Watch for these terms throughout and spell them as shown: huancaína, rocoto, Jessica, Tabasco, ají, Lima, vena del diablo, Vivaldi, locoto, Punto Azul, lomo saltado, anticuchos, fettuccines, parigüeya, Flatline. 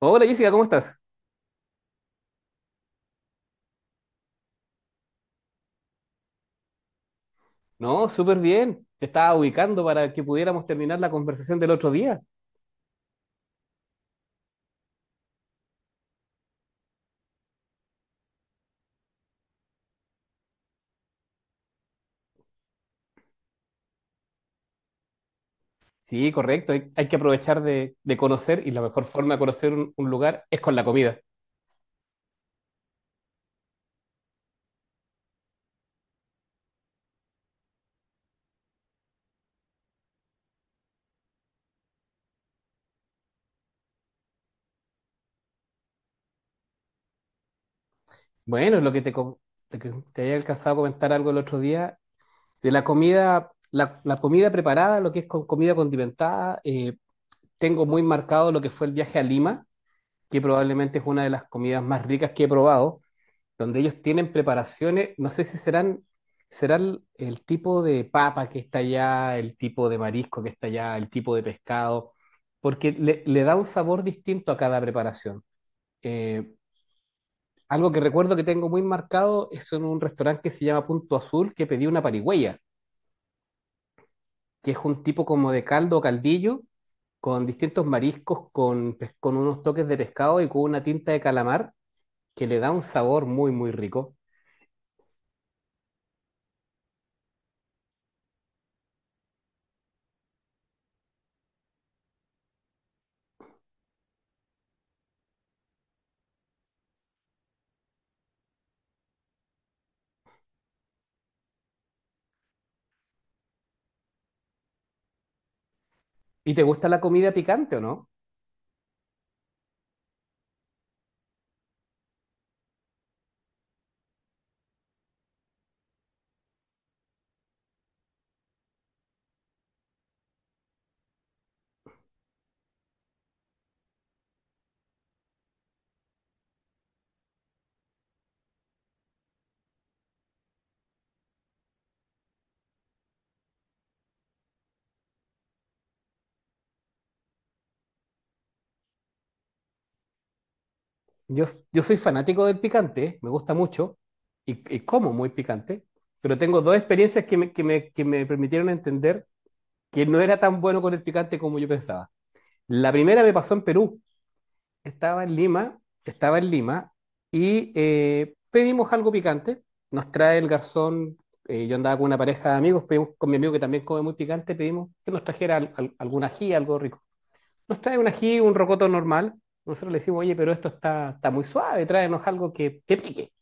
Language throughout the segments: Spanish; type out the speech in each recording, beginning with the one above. Hola Jessica, ¿cómo estás? No, súper bien. Te estaba ubicando para que pudiéramos terminar la conversación del otro día. Sí, correcto. Hay que aprovechar de conocer, y la mejor forma de conocer un lugar es con la comida. Bueno, lo que te, co- te, que te había alcanzado a comentar algo el otro día de la comida, la comida preparada, lo que es con comida condimentada. Tengo muy marcado lo que fue el viaje a Lima, que probablemente es una de las comidas más ricas que he probado. Donde ellos tienen preparaciones, no sé si serán, será el tipo de papa que está allá, el tipo de marisco que está allá, el tipo de pescado, porque le da un sabor distinto a cada preparación. Eh, Algo que recuerdo que tengo muy marcado es en un restaurante que se llama Punto Azul, que pedí una parigüeya, que es un tipo como de caldo o caldillo, con distintos mariscos, con unos toques de pescado y con una tinta de calamar, que le da un sabor muy, muy rico. ¿Y te gusta la comida picante o no? Yo, yo soy fanático del picante, me gusta mucho y como muy picante, pero tengo dos experiencias que que me permitieron entender que no era tan bueno con el picante como yo pensaba. La primera me pasó en Perú. Estaba en Lima, estaba en Lima y pedimos algo picante. Nos trae el garzón, yo andaba con una pareja de amigos, pedimos con mi amigo que también come muy picante, pedimos que nos trajera algún ají, algo rico. Nos trae un ají, un rocoto normal. Nosotros le decimos, oye, pero esto está, está muy suave, tráenos algo que pique.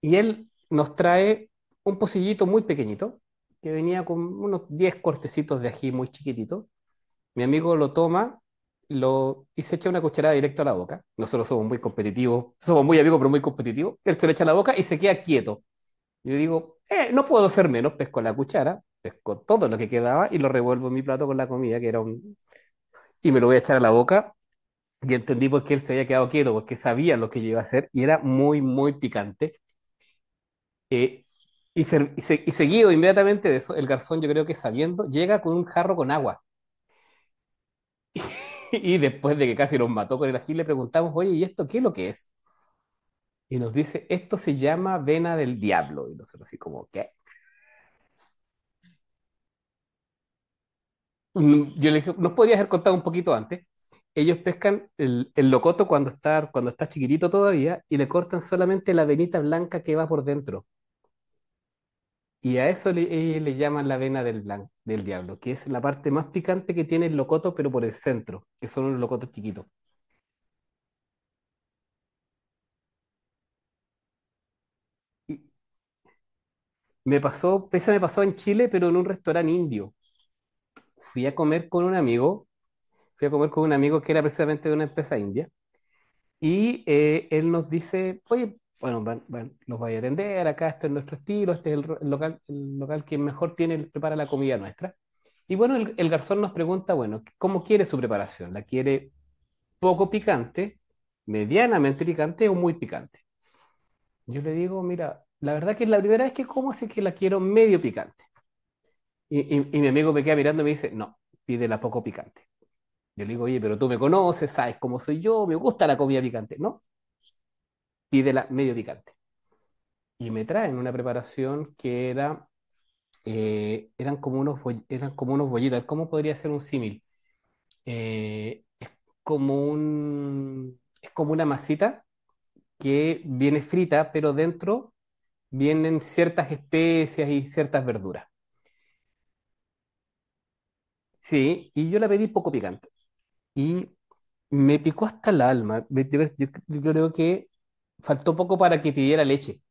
Y él nos trae un pocillito muy pequeñito, que venía con unos 10 cortecitos de ají muy chiquitito. Mi amigo lo toma y se echa una cucharada directo a la boca. Nosotros somos muy competitivos, somos muy amigos, pero muy competitivos. Él se lo echa a la boca y se queda quieto. Yo digo, no puedo ser menos, pesco la cuchara, pesco todo lo que quedaba y lo revuelvo en mi plato con la comida, que era un... Y me lo voy a echar a la boca. Y entendí por qué él se había quedado quieto, porque sabía lo que yo iba a hacer y era muy, muy picante. Eh, y, y seguido inmediatamente de eso, el garzón, yo creo que sabiendo, llega con un jarro con agua. Y después de que casi nos mató con el ají, le preguntamos, oye, ¿y esto qué es lo que es? Y nos dice, esto se llama vena del diablo. Y nosotros así como, ¿qué? Yo le dije, ¿nos podías haber contado un poquito antes? Ellos pescan el locoto cuando está chiquitito todavía y le cortan solamente la venita blanca que va por dentro. Y a eso le, le llaman la vena del diablo, que es la parte más picante que tiene el locoto, pero por el centro, que son los locotos chiquitos. Y me pasó, pese me pasó en Chile, pero en un restaurante indio. Fui a comer con un amigo, fui a comer con un amigo que era precisamente de una empresa india, y él nos dice, oye, bueno, los voy a atender, acá este es nuestro estilo, este es el local que mejor tiene, prepara la comida nuestra. Y bueno, el garzón nos pregunta, bueno, ¿cómo quiere su preparación? ¿La quiere poco picante, medianamente picante o muy picante? Yo le digo, mira, la verdad que es la primera vez que como, así que la quiero medio picante. Y mi amigo me queda mirando y me dice, no, pídela poco picante. Yo le digo, oye, pero tú me conoces, sabes cómo soy yo, me gusta la comida picante. No, pídela medio picante. Y me traen una preparación que era, eran como eran como unos bollitos. ¿Cómo podría ser un símil? Eh, Como un, es como una masita que viene frita, pero dentro vienen ciertas especias y ciertas verduras. Sí, y yo la pedí poco picante. Y me picó hasta el alma. Yo, yo creo que faltó poco para que pidiera leche.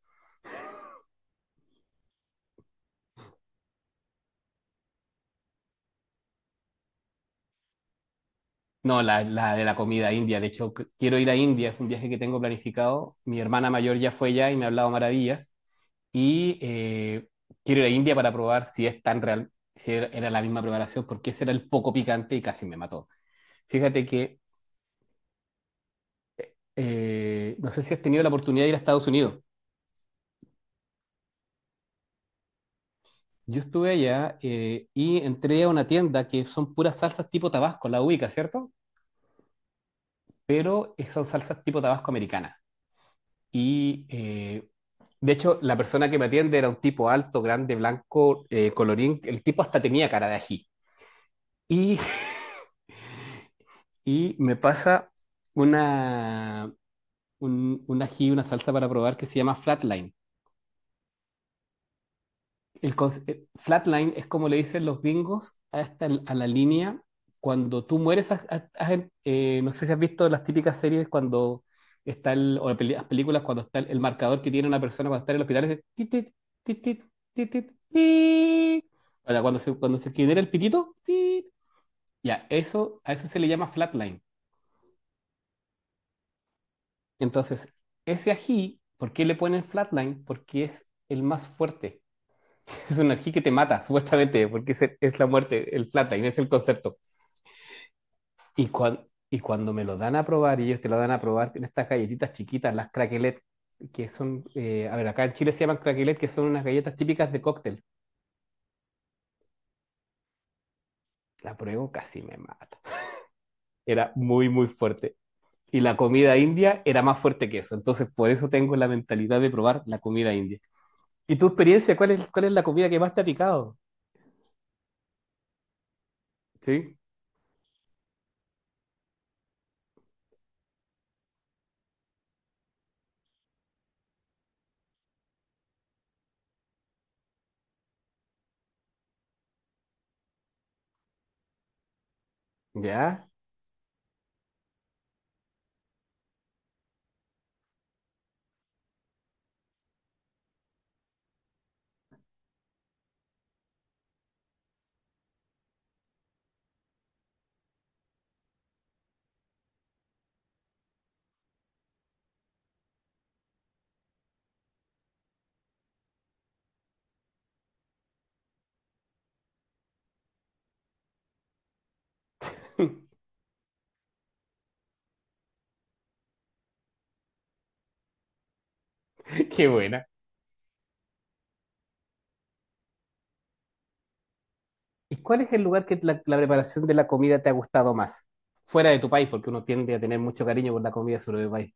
No, la de la comida india. De hecho, quiero ir a India. Es un viaje que tengo planificado. Mi hermana mayor ya fue ya y me ha hablado maravillas. Y quiero ir a India para probar si es tan real, si era la misma preparación, porque ese era el poco picante y casi me mató. Fíjate que no sé si has tenido la oportunidad de ir a Estados Unidos. Yo estuve allá y entré a una tienda que son puras salsas tipo Tabasco, la ubica, ¿cierto? Pero son salsas tipo Tabasco americana. Y de hecho, la persona que me atiende era un tipo alto, grande, blanco, colorín. El tipo hasta tenía cara de ají. Y, y me pasa una, un ají, una salsa para probar que se llama Flatline. Flatline es como le dicen los gringos a, a la línea cuando tú mueres. No sé si has visto las típicas series cuando está el, o las películas cuando está el marcador que tiene una persona cuando está en el hospital. Es tit, tit, tit, tit, tit, tit, tit. O sea, cuando se genera el pitito, tit. Ya, eso, a eso se le llama flatline. Entonces, ese ají, ¿por qué le ponen flatline? Porque es el más fuerte. Es una energía que te mata, supuestamente, porque es la muerte, el plata, y ese es el concepto. Y, y cuando me lo dan a probar, y ellos te lo dan a probar en estas galletitas chiquitas, las craquelet, que son, a ver, acá en Chile se llaman craquelet, que son unas galletas típicas de cóctel. La pruebo, casi me mata. Era muy, muy fuerte. Y la comida india era más fuerte que eso. Entonces, por eso tengo la mentalidad de probar la comida india. ¿Y tu experiencia? ¿Cuál es la comida que más te ha picado? ¿Sí? ¿Ya? Qué buena. ¿Y cuál es el lugar que la preparación de la comida te ha gustado más? Fuera de tu país, porque uno tiende a tener mucho cariño por la comida de su propio país.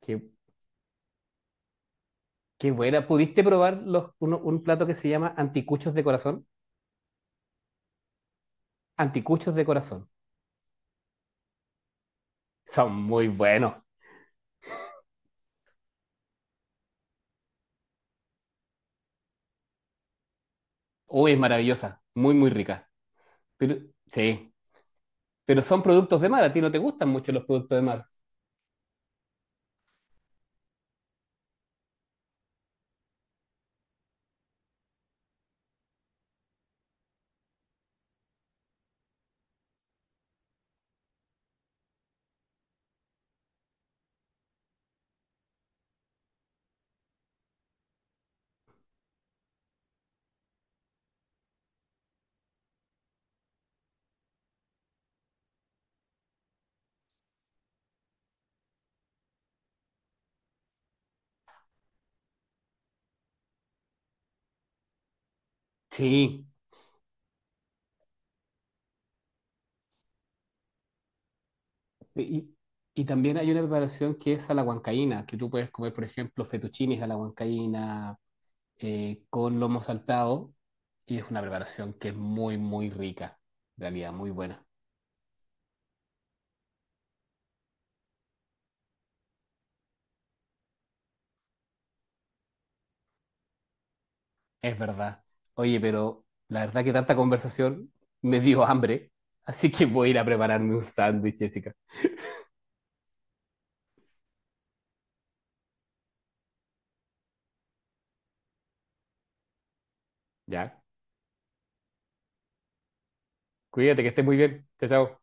Qué, Qué buena. ¿Pudiste probar un plato que se llama anticuchos de corazón? Anticuchos de corazón. Son muy buenos. Uy, es maravillosa. Muy, muy rica. Pero, sí. Pero son productos de mar. A ti no te gustan mucho los productos de mar. Sí. Y, y también hay una preparación que es a la huancaína, que tú puedes comer, por ejemplo, fettuccines a la huancaína con lomo saltado, y es una preparación que es muy, muy rica, en realidad, muy buena. Es verdad. Oye, pero la verdad que tanta conversación me dio hambre, así que voy a ir a prepararme un sándwich, Jessica. Ya, cuídate, que estés muy bien. Chao, chao.